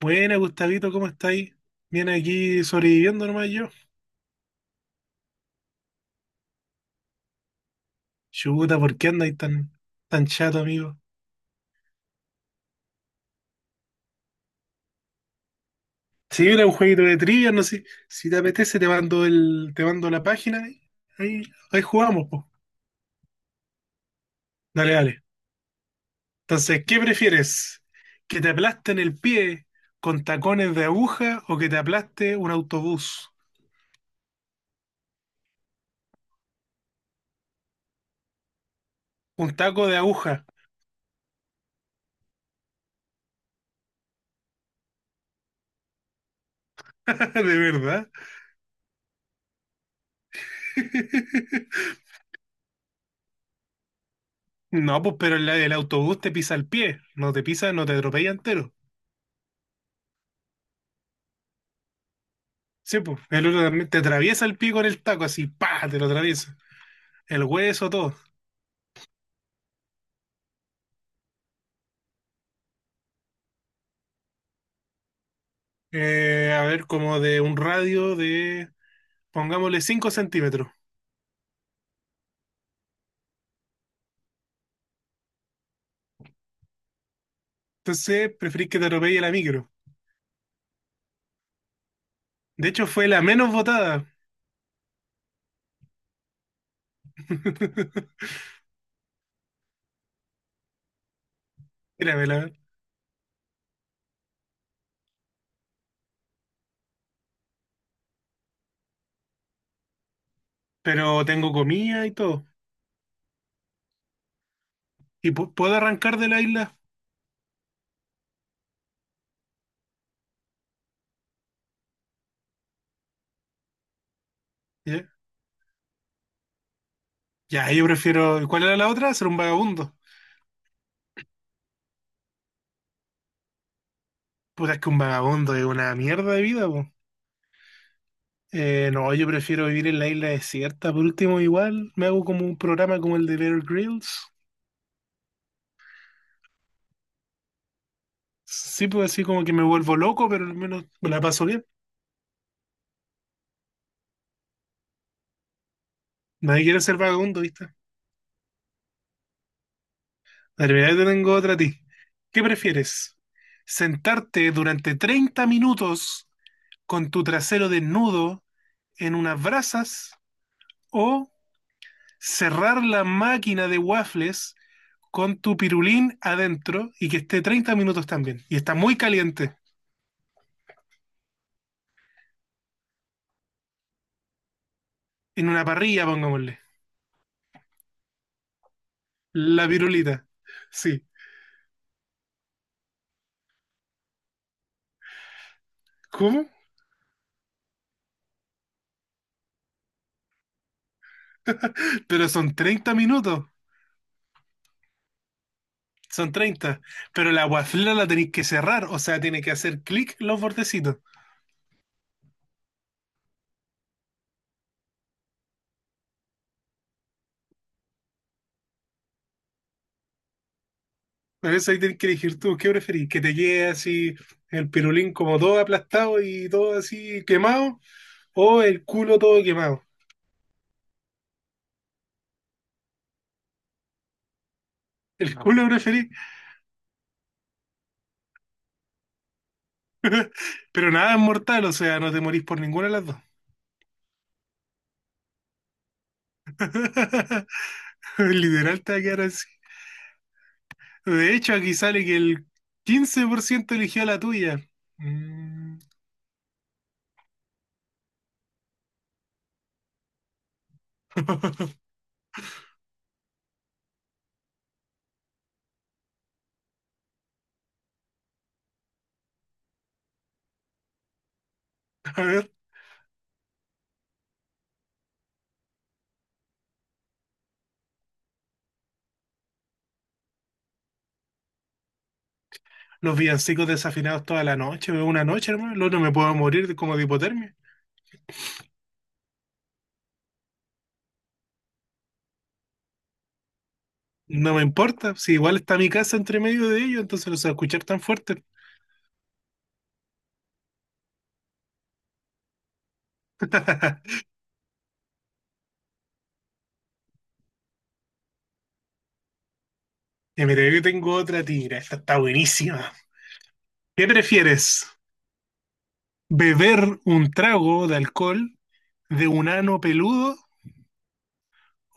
Buena, Gustavito, ¿cómo estáis? Bien aquí sobreviviendo nomás yo. Chuta, ¿por qué andáis tan chato, amigo? Si mira un jueguito de trivia, no sé. Si te apetece, te mando la página. Y Ahí, ahí jugamos, po. Dale, dale. Entonces, ¿qué prefieres? ¿Que te aplasten el pie con tacones de aguja o que te aplaste un autobús? Un taco de aguja, de verdad. No, pues, pero el autobús te pisa el pie. No te pisa, no te atropella entero. Sí, pues, el otro también te atraviesa el pico en el taco, así, pa, te lo atraviesa. El hueso, todo. A ver, como de un radio de, pongámosle, 5 centímetros. Entonces, preferís que te atropelle la micro. De hecho, fue la menos votada. Grábela. Pero tengo comida y todo. ¿Y puedo arrancar de la isla? Ya. Ya, yo prefiero. ¿Cuál era la otra? Ser un vagabundo. Puta, es que un vagabundo es una mierda de vida, po. No, yo prefiero vivir en la isla desierta. Por último, igual me hago como un programa como el de Bear Grylls. Sí, puedo decir como que me vuelvo loco, pero al menos me la paso bien. Nadie quiere ser vagabundo, ¿viste? Dale, mira, yo te tengo otra a ti. ¿Qué prefieres? ¿Sentarte durante 30 minutos con tu trasero desnudo en unas brasas o cerrar la máquina de waffles con tu pirulín adentro y que esté 30 minutos también? Y está muy caliente en una parrilla, pongámosle. La virulita. Sí. ¿Cómo? Pero son 30 minutos. Son treinta. Pero la guaflera la tenéis que cerrar. O sea, tiene que hacer clic los bordecitos. Por eso ahí tenés que elegir tú qué preferís. Que te quede así el pirulín como todo aplastado y todo así quemado. O el culo todo quemado. El No. culo preferís. Pero nada es mortal. O sea, no te morís por ninguna de las dos. Literal te va a quedar así. De hecho, aquí sale que el 15% eligió la tuya. Mm. A ver, los villancicos desafinados toda la noche, veo una noche, hermano. El no me puedo morir de- como de hipotermia. No me importa, si igual está mi casa entre medio de ellos, entonces los se a escuchar tan fuerte. Y mira, yo tengo otra tira, esta está buenísima. ¿Qué prefieres? ¿Beber un trago de alcohol de un ano peludo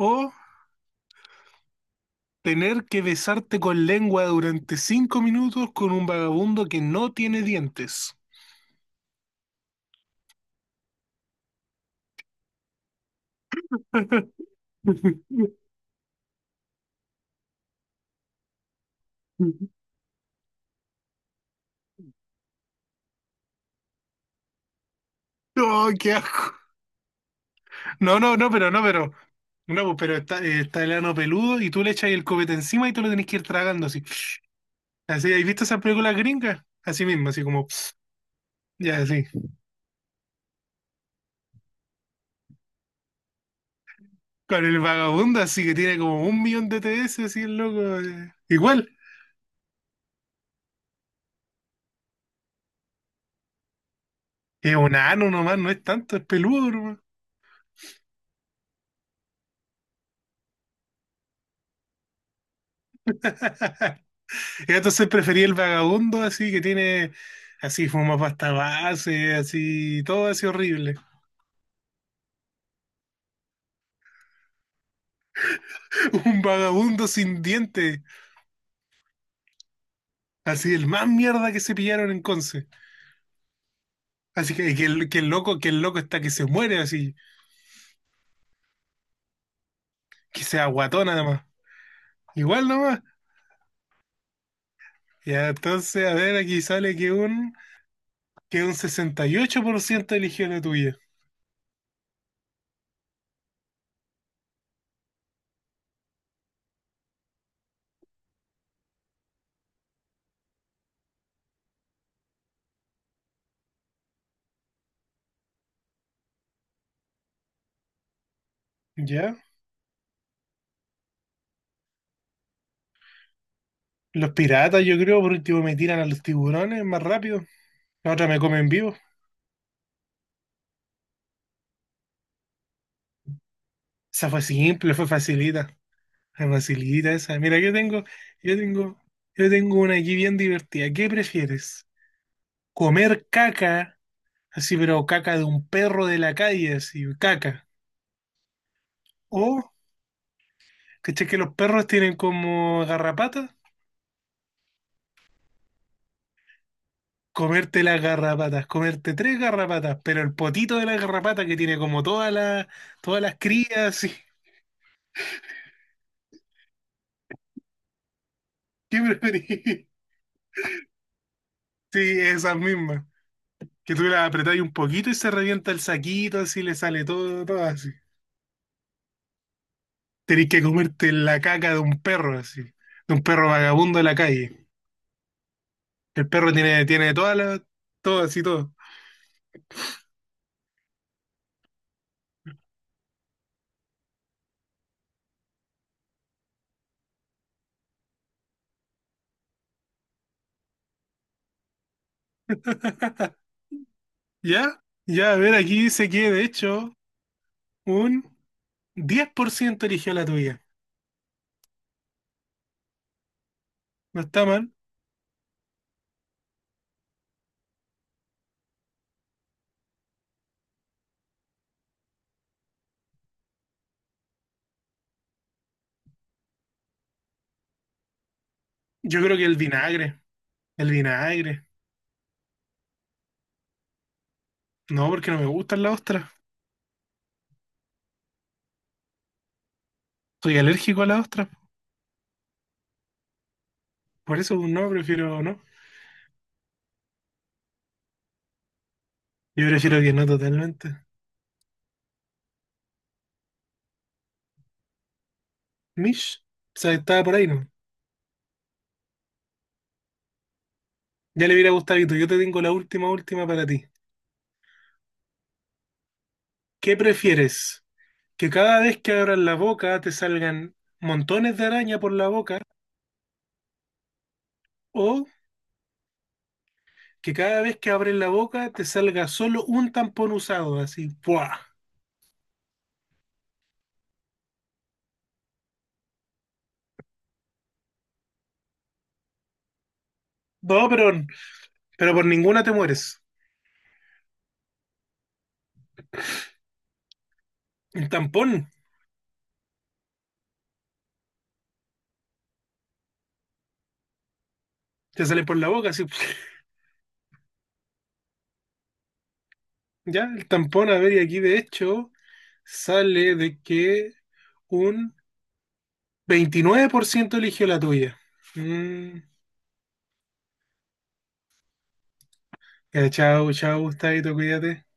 o tener que besarte con lengua durante 5 minutos con un vagabundo que no tiene dientes? No, qué No, no, no, pero no, pero. No, pues, pero está, está el ano peludo y tú le echas el copete encima y tú lo tenés que ir tragando así. Así, ¿has visto esas películas gringas? Así mismo, así como, pss, ya así. Con el vagabundo, así que tiene como un millón de TS, así el loco. Igual, es un ano nomás, no es tanto, es peludo nomás. Y entonces preferí el vagabundo, así que tiene, así fuma pasta base, así, todo así horrible. Un vagabundo sin dientes, así el más mierda que se pillaron en Conce. Así que, que el loco está que se muere, así, que sea guatón además. Igual nomás. Ya, entonces, a ver, aquí sale que un 68% eligió la tuya. ¿Ya? Los piratas, yo creo, por último me tiran a los tiburones más rápido. La otra me come en vivo. Esa fue simple, fue facilita. Fue facilita esa. Mira, yo tengo, yo tengo una aquí bien divertida. ¿Qué prefieres? ¿Comer caca? Así, pero caca de un perro de la calle, así, caca. O ¿cachai que los perros tienen como garrapatas? Comerte las garrapatas, comerte tres garrapatas, pero el potito de la garrapata que tiene como todas las crías, sí. ¿Qué preferís? Sí, esas mismas. Que tú las apretáis un poquito y se revienta el saquito, así le sale todo, todo así. Tenés que comerte la caca de un perro, así. De un perro vagabundo de la calle. El perro tiene, tiene todas las, todo así, todo. ¿Ya? Ya, a ver, aquí dice que de hecho un 10% eligió la tuya. No está mal. Yo creo que el vinagre. El vinagre. No, porque no me gustan las ostras. Soy alérgico a las ostras. Por eso no, prefiero no. Yo prefiero que no totalmente. Mish. O sea, estaba por ahí, ¿no? Ya le hubiera gustado, Gustavito. Yo te tengo la última, última para ti. ¿Qué prefieres? ¿Que cada vez que abras la boca te salgan montones de araña por la boca? ¿O que cada vez que abres la boca te salga solo un tampón usado? Así, ¡buah! No, pero por ninguna te mueres. Un tampón. Te sale por la boca, así. Ya, el tampón, a ver, y aquí de hecho sale de que un 29% eligió la tuya. Mm, ya, chao, chao, Gustavito, cuídate.